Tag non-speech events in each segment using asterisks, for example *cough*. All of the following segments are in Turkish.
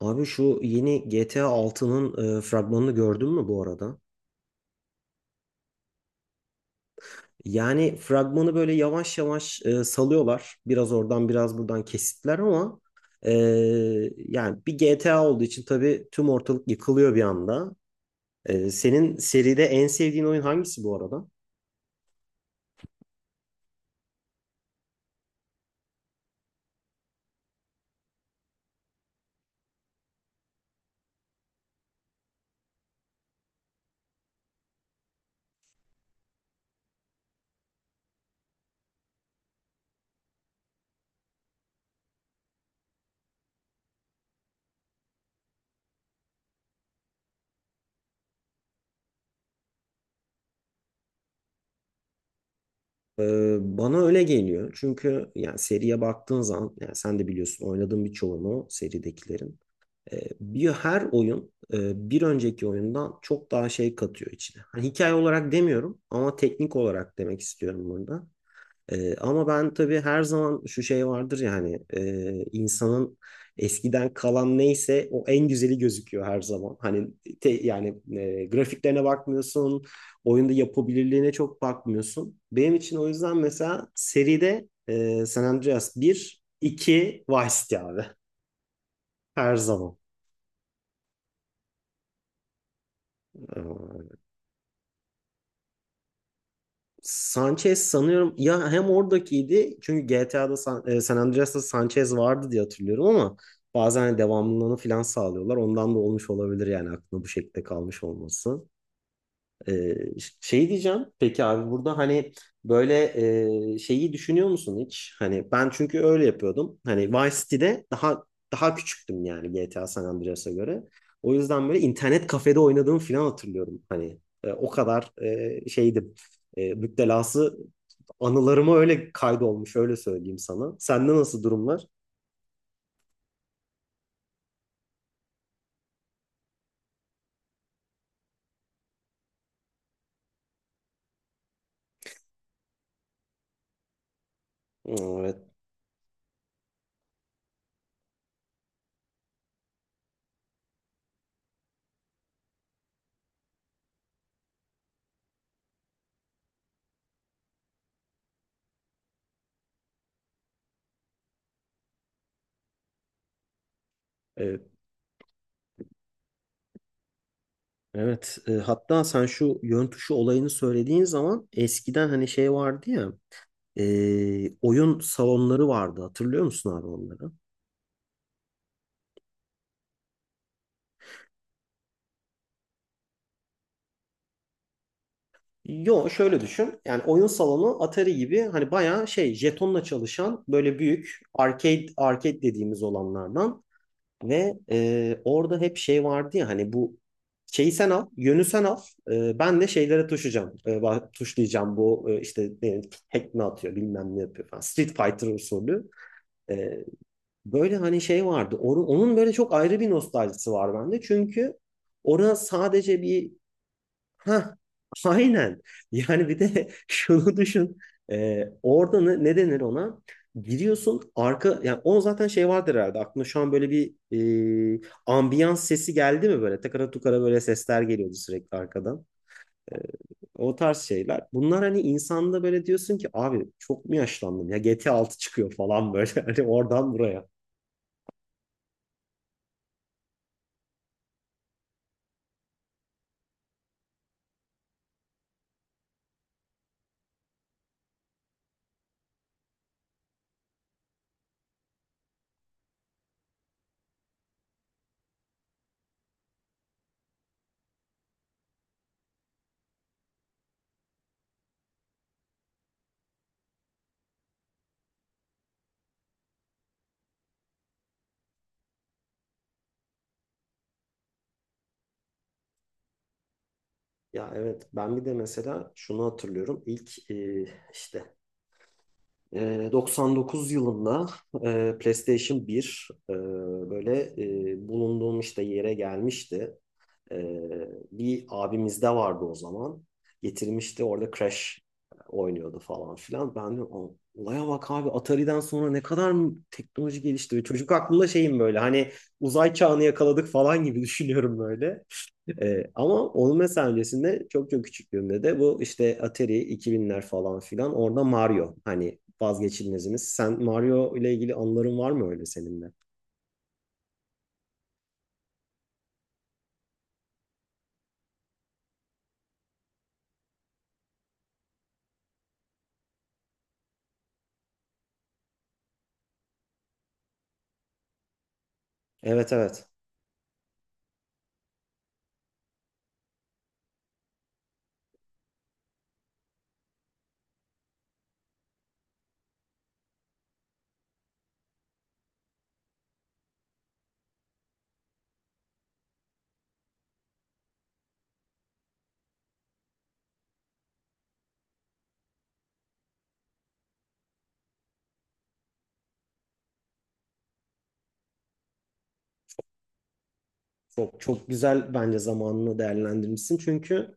Abi şu yeni GTA altının fragmanını gördün mü bu arada? Yani fragmanı böyle yavaş yavaş salıyorlar. Biraz oradan biraz buradan kesitler ama e, yani bir GTA olduğu için tabii tüm ortalık yıkılıyor bir anda. Senin seride en sevdiğin oyun hangisi bu arada? E, Bana öyle geliyor. Çünkü yani seriye baktığın zaman yani sen de biliyorsun oynadığın birçoğunu seridekilerin. Bir her oyun bir önceki oyundan çok daha şey katıyor içine. Hani hikaye olarak demiyorum ama teknik olarak demek istiyorum burada. Ama ben tabii her zaman şu şey vardır yani ya insanın eskiden kalan neyse o en güzeli gözüküyor her zaman. Hani yani grafiklerine bakmıyorsun, oyunda yapabilirliğine çok bakmıyorsun. Benim için o yüzden mesela seride San Andreas bir, 2 Vice City abi her zaman. Sanchez sanıyorum ya hem oradakiydi çünkü GTA'da San Andreas'ta Sanchez vardı diye hatırlıyorum ama bazen hani devamlılığını falan sağlıyorlar. Ondan da olmuş olabilir yani aklına bu şekilde kalmış olması. Şey diyeceğim. Peki abi burada hani böyle şeyi düşünüyor musun hiç? Hani ben çünkü öyle yapıyordum. Hani Vice City'de daha daha küçüktüm yani GTA San Andreas'a göre. O yüzden böyle internet kafede oynadığımı falan hatırlıyorum. Hani o kadar şeydim. Müptelası anılarıma öyle kaydolmuş öyle söyleyeyim sana. Sende nasıl durumlar? Hmm, evet. Evet. Evet. Hatta sen şu yön tuşu olayını söylediğin zaman eskiden hani şey vardı ya. Oyun salonları vardı. Hatırlıyor musun abi onları? Yo şöyle düşün. Yani oyun salonu Atari gibi hani bayağı şey jetonla çalışan böyle büyük arcade arcade dediğimiz olanlardan ve orada hep şey vardı ya hani bu şeyi sen al, yönü sen al. Ben de şeylere tuşacağım, tuşlayacağım bu işte ne, hack ne atıyor bilmem ne yapıyor falan. Street Fighter usulü. E, Böyle hani şey vardı. Onun böyle çok ayrı bir nostaljisi var bende. Çünkü orada sadece bir. Ha, aynen. *laughs* Yani bir de *laughs* şunu düşün. Orada ne denir ona? Giriyorsun arka yani o zaten şey vardır herhalde. Aklına şu an böyle bir ambiyans sesi geldi mi böyle? Takara tukara böyle sesler geliyordu sürekli arkadan. Ee, O tarz şeyler. Bunlar hani insanda böyle diyorsun ki abi çok mu yaşlandım ya GT 6 çıkıyor falan böyle *laughs* hani oradan buraya. Ya evet, ben bir de mesela şunu hatırlıyorum. İlk işte 99 yılında PlayStation 1 böyle bulunduğum işte yere gelmişti. E, Bir abimizde vardı o zaman. Getirmişti, orada Crash oynuyordu falan filan. Ben de, "Aa, olaya bak abi, Atari'den sonra ne kadar mı teknoloji gelişti. Çocuk aklımda şeyim böyle hani uzay çağını yakaladık falan gibi *laughs* düşünüyorum böyle." Ama onun mesela öncesinde çok çok küçüklüğümde de bu işte Atari 2000'ler falan filan orada Mario hani vazgeçilmezimiz. Sen Mario ile ilgili anıların var mı öyle senin de? Evet, evet. Çok çok güzel, bence zamanını değerlendirmişsin. Çünkü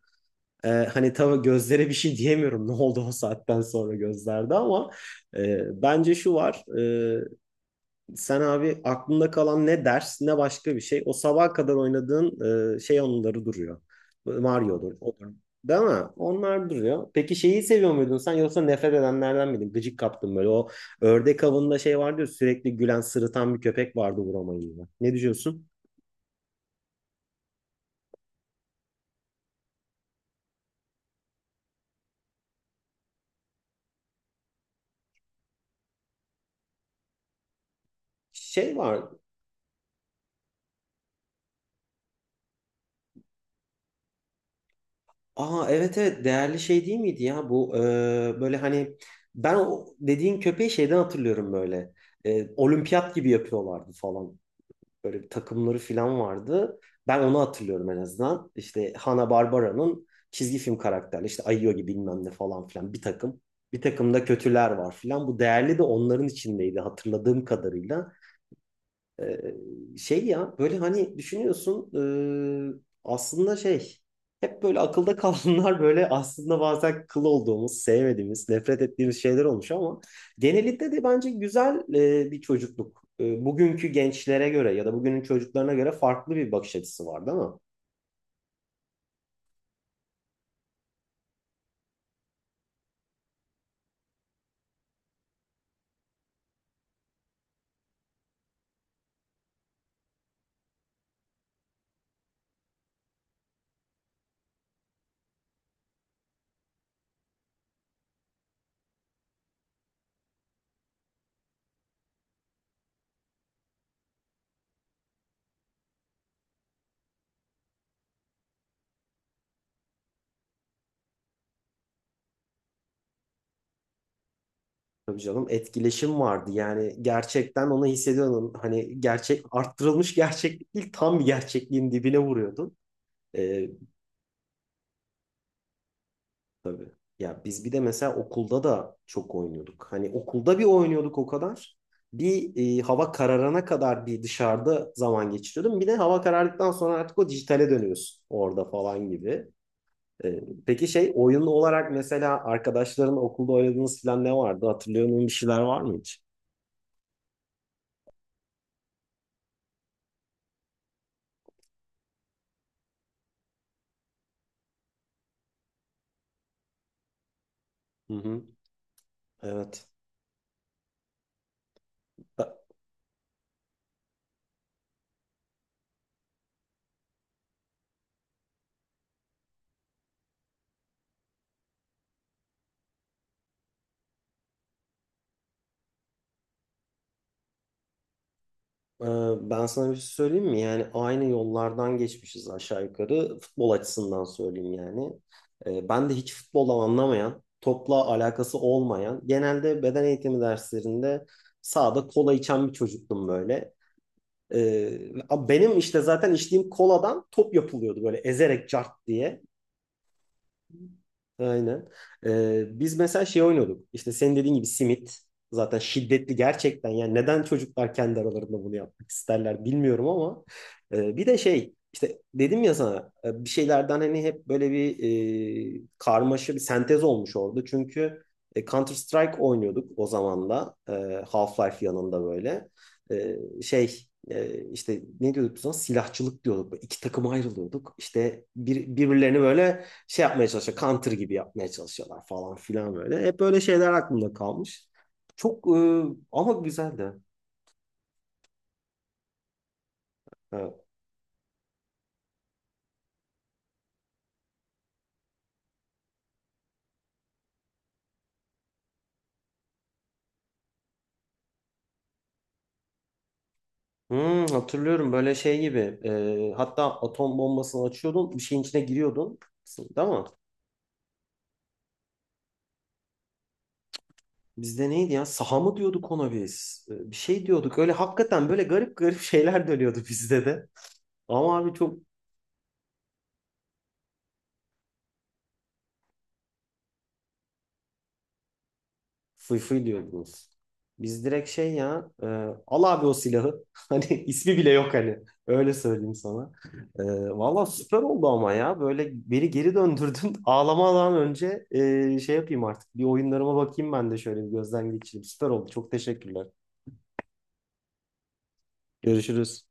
hani tabii gözlere bir şey diyemiyorum, *laughs* ne oldu o saatten sonra gözlerde ama bence şu var. Sen abi aklında kalan ne ders ne başka bir şey. O sabaha kadar oynadığın şey onları duruyor. Mario'dur. Odur. Değil mi? Onlar duruyor. Peki şeyi seviyor muydun sen, yoksa nefret edenlerden miydin? Gıcık kaptın böyle. O ördek avında şey vardı ya, sürekli gülen sırıtan bir köpek vardı vuramayınca. Ne düşünüyorsun? Şey var. Aa, evet, evet, değerli şey değil miydi ya bu böyle hani ben o dediğin köpeği şeyden hatırlıyorum böyle. Olimpiyat gibi yapıyorlardı falan. Böyle bir takımları falan vardı. Ben onu hatırlıyorum en azından. İşte Hanna-Barbara'nın çizgi film karakterleri işte Ayogi bilmem ne falan filan bir takım. Bir takım da kötüler var filan. Bu değerli de onların içindeydi hatırladığım kadarıyla. Ee, Şey ya böyle hani düşünüyorsun aslında şey hep böyle akılda *laughs* kalanlar böyle aslında bazen kıl olduğumuz, sevmediğimiz, nefret ettiğimiz şeyler olmuş ama genelinde de bence güzel bir çocukluk. Bugünkü gençlere göre ya da bugünün çocuklarına göre farklı bir bakış açısı var, değil mi? Tabii canım, etkileşim vardı yani, gerçekten onu hissediyordun. Hani gerçek arttırılmış gerçeklik değil, tam bir gerçekliğin dibine vuruyordun. Ee, Tabii. Ya biz bir de mesela okulda da çok oynuyorduk. Hani okulda bir oynuyorduk o kadar. Bir Hava kararana kadar bir dışarıda zaman geçiriyordum. Bir de hava karardıktan sonra artık o dijitale dönüyorsun orada falan gibi. E, peki şey, oyun olarak mesela arkadaşların okulda oynadığınız falan ne vardı? Hatırlıyor musun, bir şeyler var mı hiç? Hı hı. Evet. Ben sana bir şey söyleyeyim mi? Yani aynı yollardan geçmişiz aşağı yukarı. Futbol açısından söyleyeyim yani. Ben de hiç futboldan anlamayan, topla alakası olmayan, genelde beden eğitimi derslerinde sahada kola içen bir çocuktum böyle. Ee, Benim işte zaten içtiğim koladan top yapılıyordu böyle, ezerek cart diye. Aynen. Biz mesela şey oynuyorduk. İşte senin dediğin gibi simit. Zaten şiddetli gerçekten. Yani neden çocuklar kendi aralarında bunu yapmak isterler bilmiyorum ama. Bir de şey işte, dedim ya sana, bir şeylerden hani hep böyle bir karmaşa, bir sentez olmuş orada. Çünkü Counter Strike oynuyorduk o zaman da. Half-Life yanında böyle. E, Şey işte ne diyorduk biz ona? Silahçılık diyorduk. Böyle İki takıma ayrılıyorduk. İşte birbirlerini böyle şey yapmaya çalışıyor. Counter gibi yapmaya çalışıyorlar falan filan böyle. Hep böyle şeyler aklımda kalmış. Çok ama güzeldi. Evet. Hmm, hatırlıyorum böyle şey gibi. Hatta atom bombasını açıyordun. Bir şeyin içine giriyordun. Değil mi? Bizde neydi ya? Saha mı diyorduk ona biz? Bir şey diyorduk. Öyle hakikaten böyle garip garip *laughs* şeyler dönüyordu bizde de. Ama abi çok. Fıy diyordunuz. Biz direkt şey ya, al abi o silahı. *laughs* Hani ismi bile yok hani. Öyle söyleyeyim sana. E, Valla süper oldu ama ya. Böyle beni geri döndürdün. *laughs* Ağlamadan önce şey yapayım artık. Bir oyunlarıma bakayım ben de, şöyle bir gözden geçireyim. Süper oldu. Çok teşekkürler. Görüşürüz.